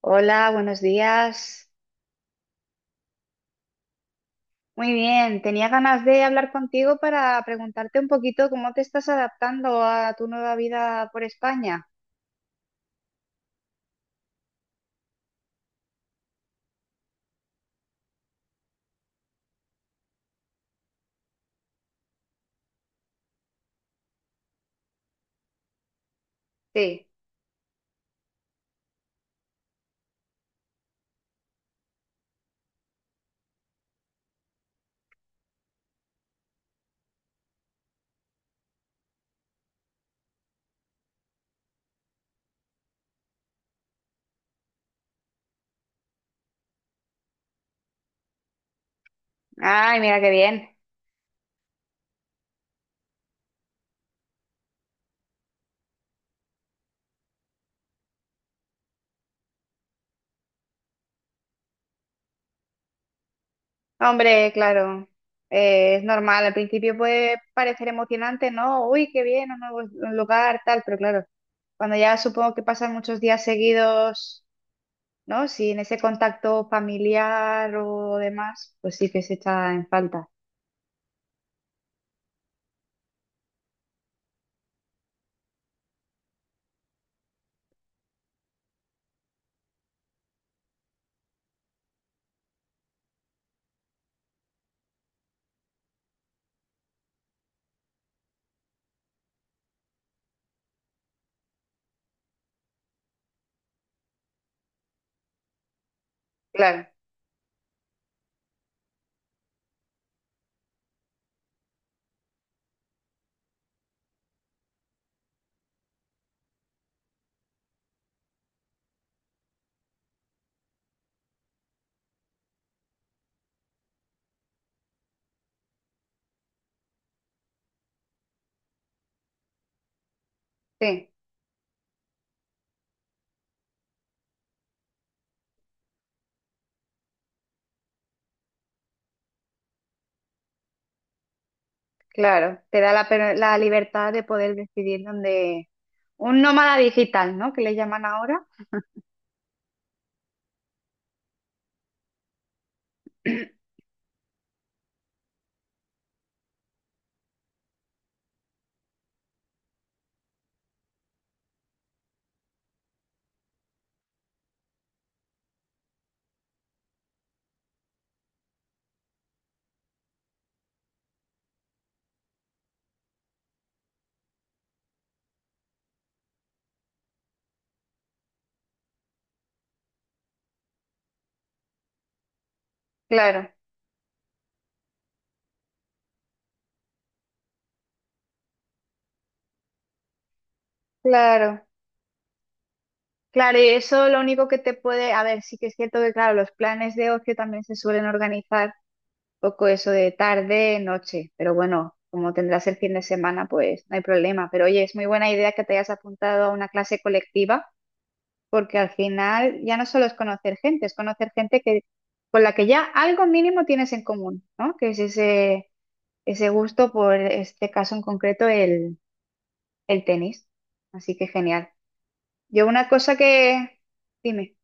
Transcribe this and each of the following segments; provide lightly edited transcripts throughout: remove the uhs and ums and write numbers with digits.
Hola, buenos días. Muy bien, tenía ganas de hablar contigo para preguntarte un poquito cómo te estás adaptando a tu nueva vida por España. Sí. Ay, mira qué bien. Hombre, claro, es normal. Al principio puede parecer emocionante, ¿no? Uy, qué bien, un lugar, tal, pero claro, cuando ya supongo que pasan muchos días seguidos, ¿no? Sin ese contacto familiar o demás, pues sí que se echa en falta. Claro, sí. Claro, te da la libertad de poder decidir dónde... Un nómada digital, ¿no? Que le llaman ahora. Claro, claro, claro. Y eso lo único que te puede... A ver, sí que es cierto que, claro, los planes de ocio también se suelen organizar un poco eso de tarde, noche. Pero bueno, como tendrás el fin de semana, pues no hay problema. Pero oye, es muy buena idea que te hayas apuntado a una clase colectiva porque al final ya no solo es conocer gente que, con la que ya algo mínimo tienes en común, ¿no? Que es ese, ese gusto por este caso en concreto, el tenis. Así que genial. Yo una cosa que... Dime.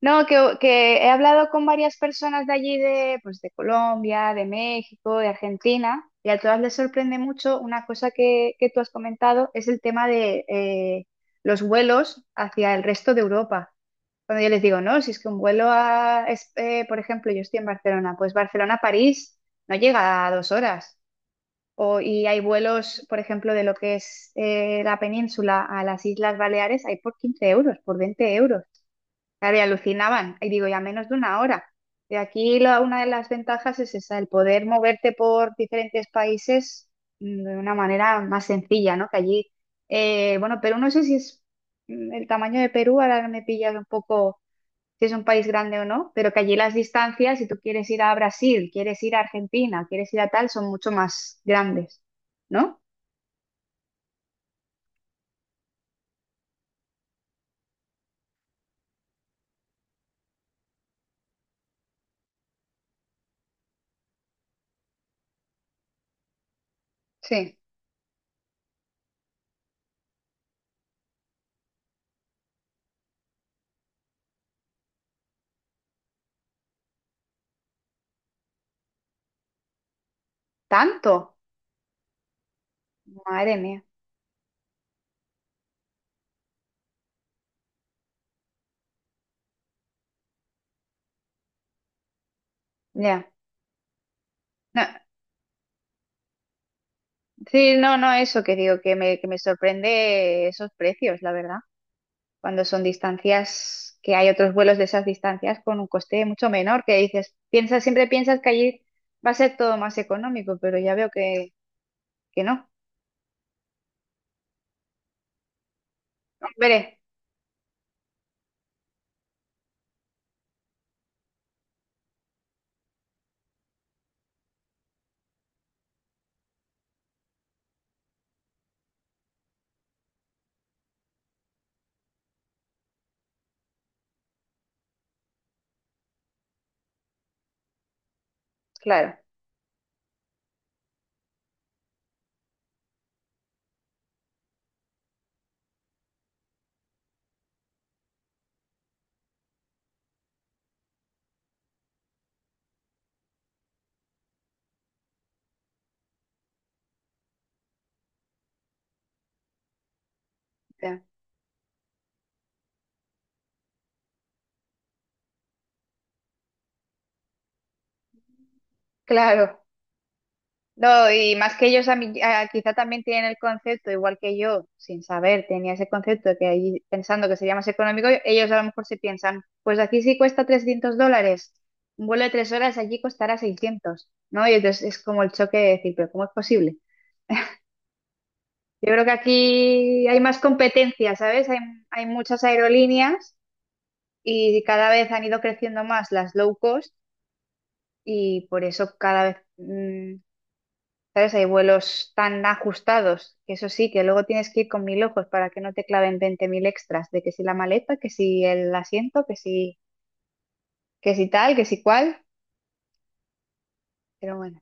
No, que he hablado con varias personas de allí, pues, de Colombia, de México, de Argentina, y a todas les sorprende mucho una cosa que tú has comentado, es el tema de los vuelos hacia el resto de Europa. Cuando yo les digo, no, si es que un vuelo por ejemplo, yo estoy en Barcelona, pues Barcelona-París no llega a 2 horas. O, y hay vuelos, por ejemplo, de lo que es la península a las Islas Baleares, hay por 15 euros, por 20 euros. Claro, y alucinaban. Y digo, ya menos de una hora. Y aquí la- una de las ventajas es esa, el poder moverte por diferentes países de una manera más sencilla, ¿no? Que allí, bueno, Perú no sé si es el tamaño de Perú, ahora me pillas un poco si es un país grande o no, pero que allí las distancias, si tú quieres ir a Brasil, quieres ir a Argentina, quieres ir a tal, son mucho más grandes, ¿no? Sí. ¿Tanto? Madre mía. Ya. No, sí, no, no, eso que digo, que me sorprende esos precios, la verdad, cuando son distancias, que hay otros vuelos de esas distancias con un coste mucho menor, que dices, piensas, siempre piensas que allí va a ser todo más económico, pero ya veo que no. Veré, claro, ya, claro. No, y más que ellos quizá también tienen el concepto, igual que yo, sin saber, tenía ese concepto que ahí pensando que sería más económico, ellos a lo mejor se piensan, pues aquí sí cuesta $300, un vuelo de 3 horas allí costará 600, ¿no? Y entonces es como el choque de decir, pero ¿cómo es posible? Yo creo que aquí hay más competencia, ¿sabes? Hay muchas aerolíneas y cada vez han ido creciendo más las low cost y por eso cada vez... mm, ¿sabes? Hay vuelos tan ajustados que eso sí, que luego tienes que ir con mil ojos para que no te claven 20.000 extras de que si la maleta, que si el asiento, que si tal, que si cual. Pero bueno.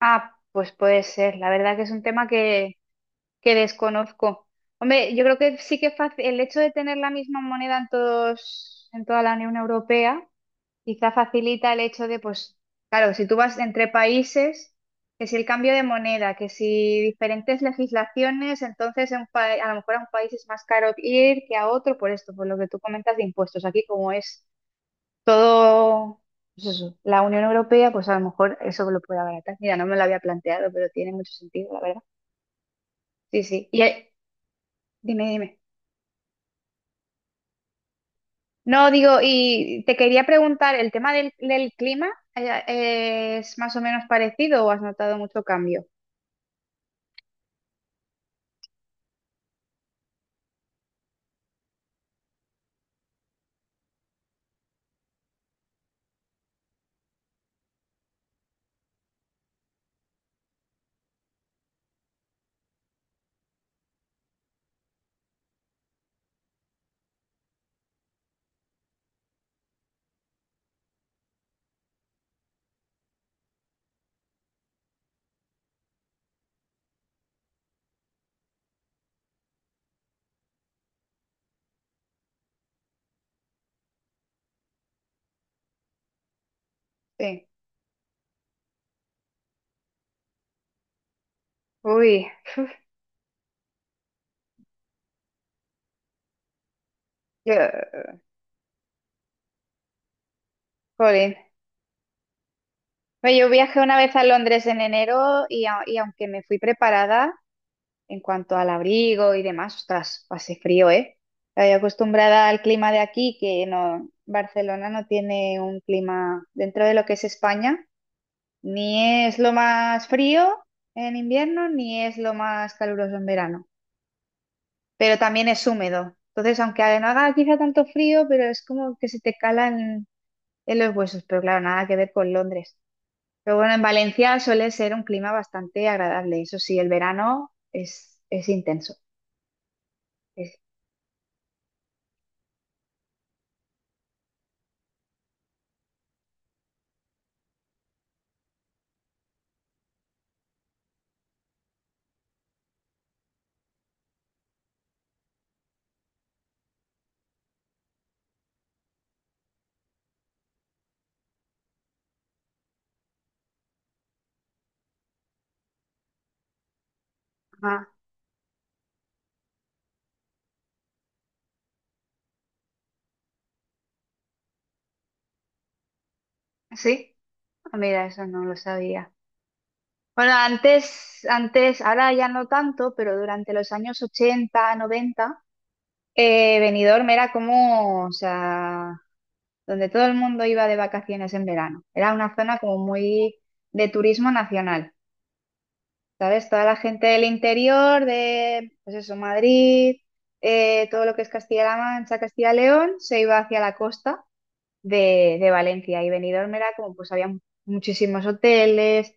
Ah, pues puede ser. La verdad que es un tema que desconozco. Hombre, yo creo que sí que es fácil el hecho de tener la misma moneda en toda la Unión Europea. Quizá facilita el hecho de, pues, claro, si tú vas entre países, que si el cambio de moneda, que si diferentes legislaciones, entonces a lo mejor a un país es más caro ir que a otro por esto, por lo que tú comentas de impuestos. Aquí como es todo, pues eso, la Unión Europea, pues a lo mejor eso lo puede abaratar. Mira, no me lo había planteado, pero tiene mucho sentido, la verdad. Sí, sí. Y dime, dime. No, digo, y te quería preguntar, ¿el tema del clima es más o menos parecido o has notado mucho cambio? Sí. Uy, yo, jolín. Oye, yo viajé una vez a Londres en enero y, a- y aunque me fui preparada en cuanto al abrigo y demás, ostras, pasé frío, ¿eh? Estoy acostumbrada al clima de aquí, que no, Barcelona no tiene un clima dentro de lo que es España, ni es lo más frío en invierno, ni es lo más caluroso en verano. Pero también es húmedo. Entonces, aunque no haga quizá tanto frío, pero es como que se te calan en los huesos, pero claro, nada que ver con Londres. Pero bueno, en Valencia suele ser un clima bastante agradable. Eso sí, el verano es intenso. Es- Ah, ¿sí? Ah, mira, eso no lo sabía. Bueno, antes, antes, ahora ya no tanto, pero durante los años 80, 90, Benidorm era como, o sea, donde todo el mundo iba de vacaciones en verano. Era una zona como muy de turismo nacional, ¿sabes? Toda la gente del interior, de, pues eso, Madrid, todo lo que es Castilla-La Mancha, Castilla-León, se iba hacia la costa de Valencia y Benidorm era como, pues había muchísimos hoteles,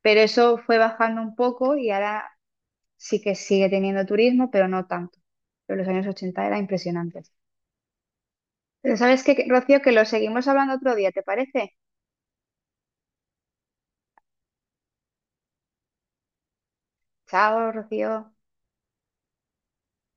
pero eso fue bajando un poco y ahora sí que sigue teniendo turismo, pero no tanto. Pero los años 80 era impresionante. Pero sabes qué, Rocío, que lo seguimos hablando otro día, ¿te parece? Chao, Rocío.